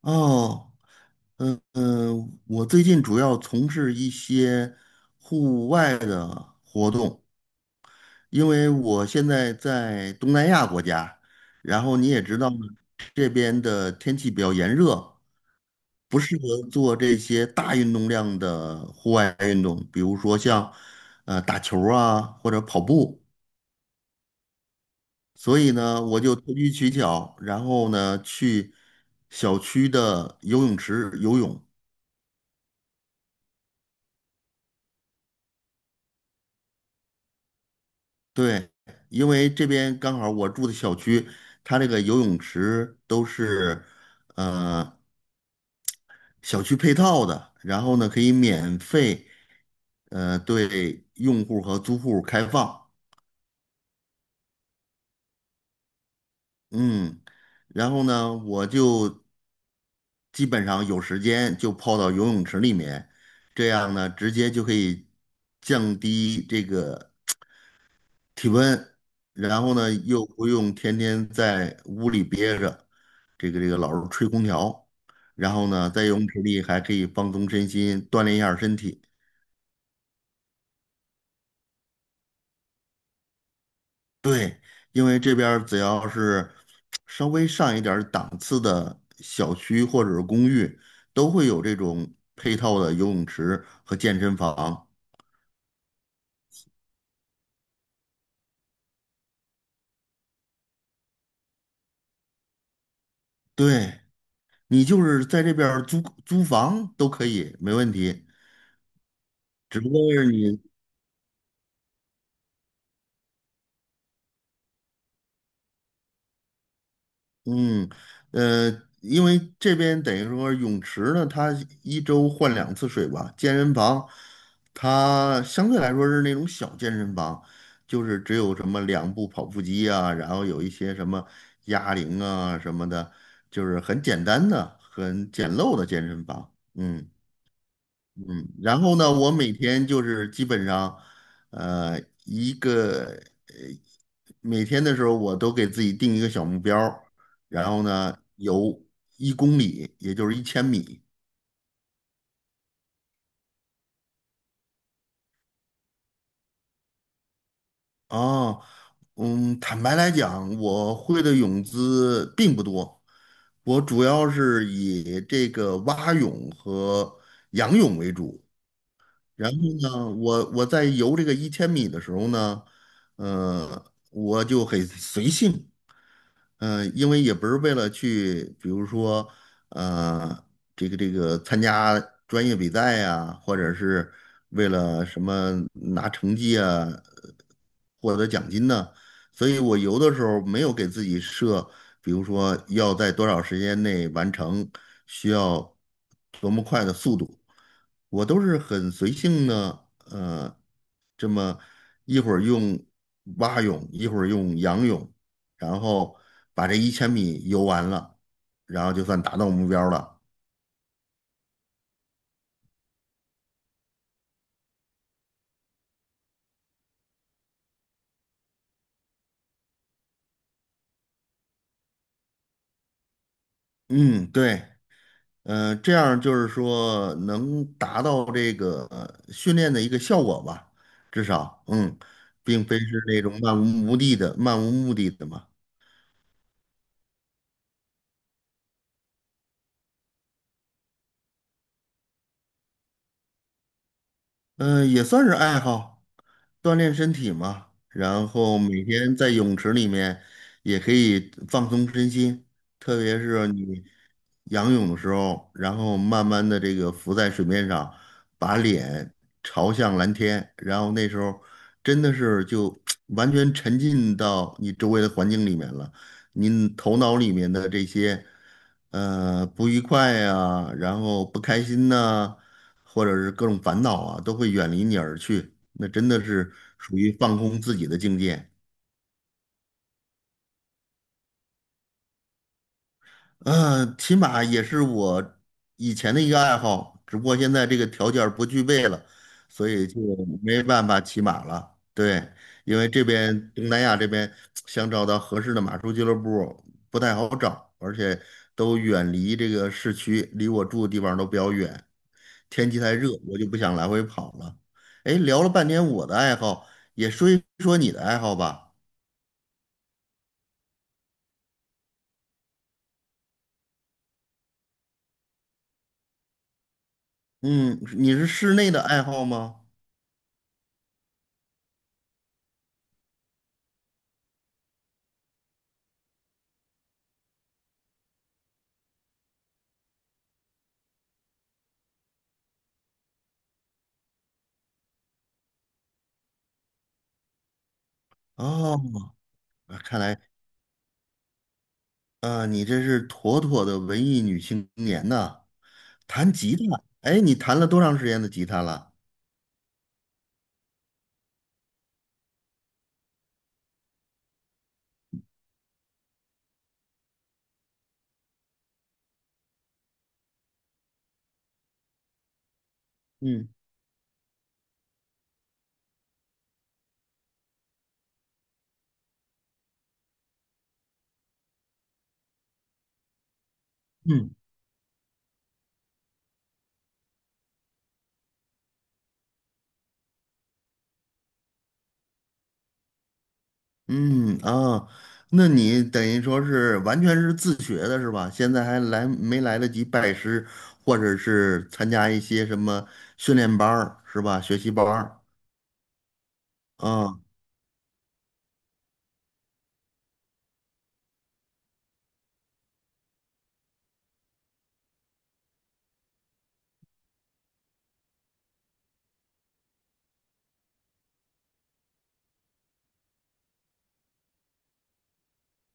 哦，嗯嗯，我最近主要从事一些户外的活动，因为我现在在东南亚国家，然后你也知道这边的天气比较炎热，不适合做这些大运动量的户外运动，比如说像打球儿啊或者跑步，所以呢，我就投机取巧，然后呢去小区的游泳池游泳。对，因为这边刚好我住的小区，它这个游泳池都是呃小区配套的，然后呢可以免费对用户和租户开放，嗯，然后呢我就基本上有时间就泡到游泳池里面，这样呢直接就可以降低这个体温，然后呢又不用天天在屋里憋着，这个老是吹空调，然后呢在游泳池里还可以放松身心，锻炼一下身体。对，因为这边儿只要是稍微上一点儿档次的小区或者是公寓，都会有这种配套的游泳池和健身房。对，你就是在这边儿租租房都可以，没问题。只不过是你。嗯，呃，因为这边等于说泳池呢，它一周换两次水吧。健身房，它相对来说是那种小健身房，就是只有什么两部跑步机啊，然后有一些什么哑铃啊什么的，就是很简单的、很简陋的健身房。嗯。嗯，然后呢，我每天就是基本上，呃，一个呃，每天的时候我都给自己定一个小目标儿，然后呢游1公里，也就是一千米啊。嗯，坦白来讲，我会的泳姿并不多，我主要是以这个蛙泳和仰泳为主。然后呢，我在游这个一千米的时候呢，呃，我就很随性，嗯，因为也不是为了去，比如说，呃，这个参加专业比赛呀、或者是为了什么拿成绩啊，获得奖金呢、所以我游的时候没有给自己设，比如说要在多少时间内完成，需要多么快的速度，我都是很随性的，这么一会儿用蛙泳，一会儿用仰泳。然后把这一千米游完了，然后就算达到目标了。嗯，对，嗯、这样就是说能达到这个训练的一个效果吧，至少，嗯，并非是那种漫无目的的、漫无目的的嘛。嗯，也算是爱好，锻炼身体嘛。然后每天在泳池里面也可以放松身心，特别是你仰泳的时候，然后慢慢的这个浮在水面上，把脸朝向蓝天，然后那时候真的是就 完全沉浸到你周围的环境里面了，你头脑里面的这些不愉快呀、然后不开心呐、或者是各种烦恼啊，都会远离你而去。那真的是属于放空自己的境界。嗯，骑马也是我以前的一个爱好，只不过现在这个条件儿不具备了，所以就没办法骑马了。对，因为这边东南亚这边想找到合适的马术俱乐部不太好找，而且都远离这个市区，离我住的地方都比较远。天气太热，我就不想来回跑了。哎，聊了半天我的爱好，也说一说你的爱好吧。嗯，你是室内的爱好吗？哦，啊看来啊，你这是妥妥的文艺女青年呐。弹吉他，哎，你弹了多长时间的吉他了？嗯嗯嗯啊，那你等于说是完全是自学的是吧？现在还来没来得及拜师，或者是参加一些什么训练班儿是吧？学习班儿啊。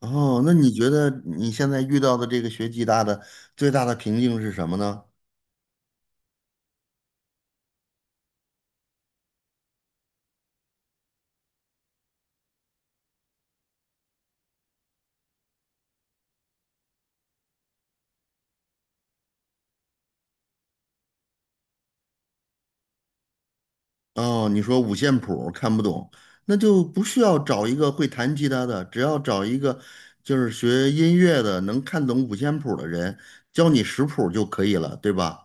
哦，那你觉得你现在遇到的这个学吉他的最大的瓶颈是什么呢？哦，你说五线谱看不懂，那就不需要找一个会弹吉他的，只要找一个就是学音乐的能看懂五线谱的人，教你识谱就可以了，对吧？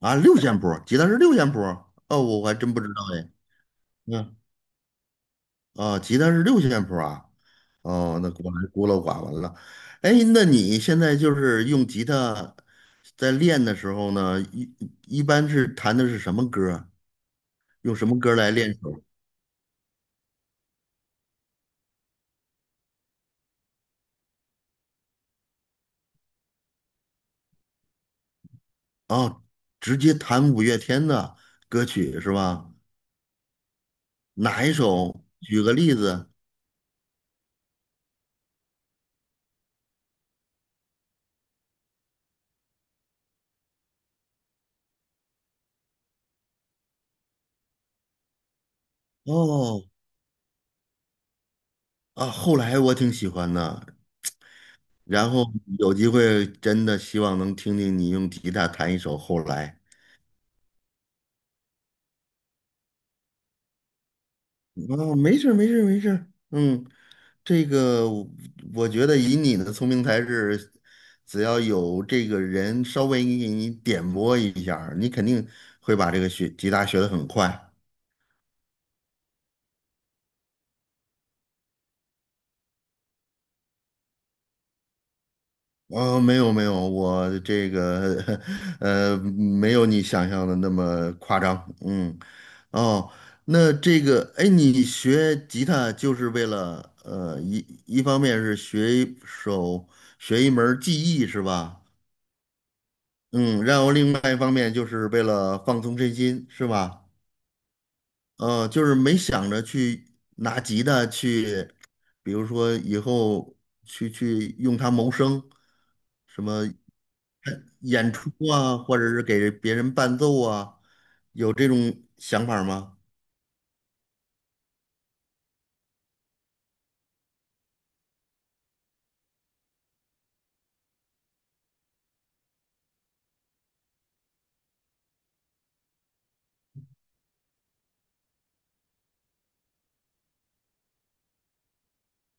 啊，六线谱，吉他是六线谱，哦，我还真不知道哎。嗯啊，吉他是六线谱啊，哦，那果然孤陋寡闻了。哎，那你现在就是用吉他在练的时候呢，一般是弹的是什么歌儿，用什么歌儿来练手？哦，直接弹五月天的歌曲是吧？哪一首？举个例子。哦，啊，后来我挺喜欢的，然后有机会真的希望能听听你用吉他弹一首《后来》。哦，没事儿没事儿没事儿，嗯，这个我觉得以你的聪明才智，只要有这个人稍微给你点拨一下儿你肯定会把这个学吉他学得很快。哦，没有没有，我这个 没有你想象的那么夸张，嗯，哦，那这个哎，你学吉他就是为了呃一方面是学一手学一门儿技艺是吧？嗯，然后另外一方面就是为了放松身心，是吧？嗯，就是没想着去拿吉他去，比如说以后去用它谋生，什么演出啊，或者是给别人伴奏啊，有这种想法吗？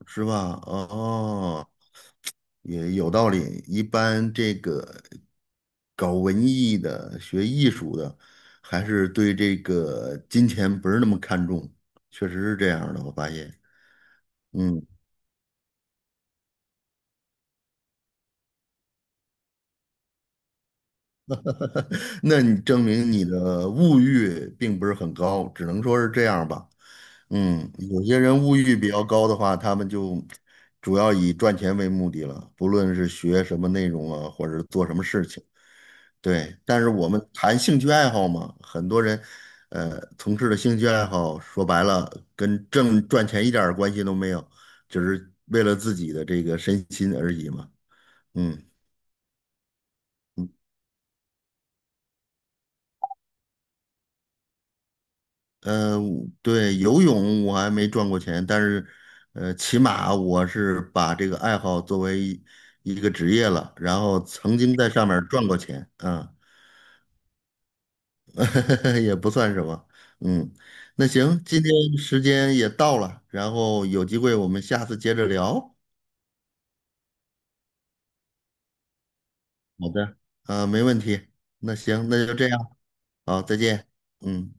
是吧？哦，也有道理。一般这个搞文艺的、学艺术的，还是对这个金钱不是那么看重，确实是这样的。我发现，嗯，那你证明你的物欲并不是很高，只能说是这样吧。嗯，有些人物欲比较高的话，他们就主要以赚钱为目的了，不论是学什么内容啊，或者是做什么事情。对，但是我们谈兴趣爱好嘛，很多人，从事的兴趣爱好，说白了跟挣赚钱一点儿关系都没有，只是为了自己的这个身心而已嘛。嗯，呃，对，游泳我还没赚过钱，但是，起码我是把这个爱好作为一个职业了，然后曾经在上面赚过钱，啊。也不算什么。嗯，那行，今天时间也到了，然后有机会我们下次接着聊。好的，没问题。那行，那就这样，好，再见。嗯。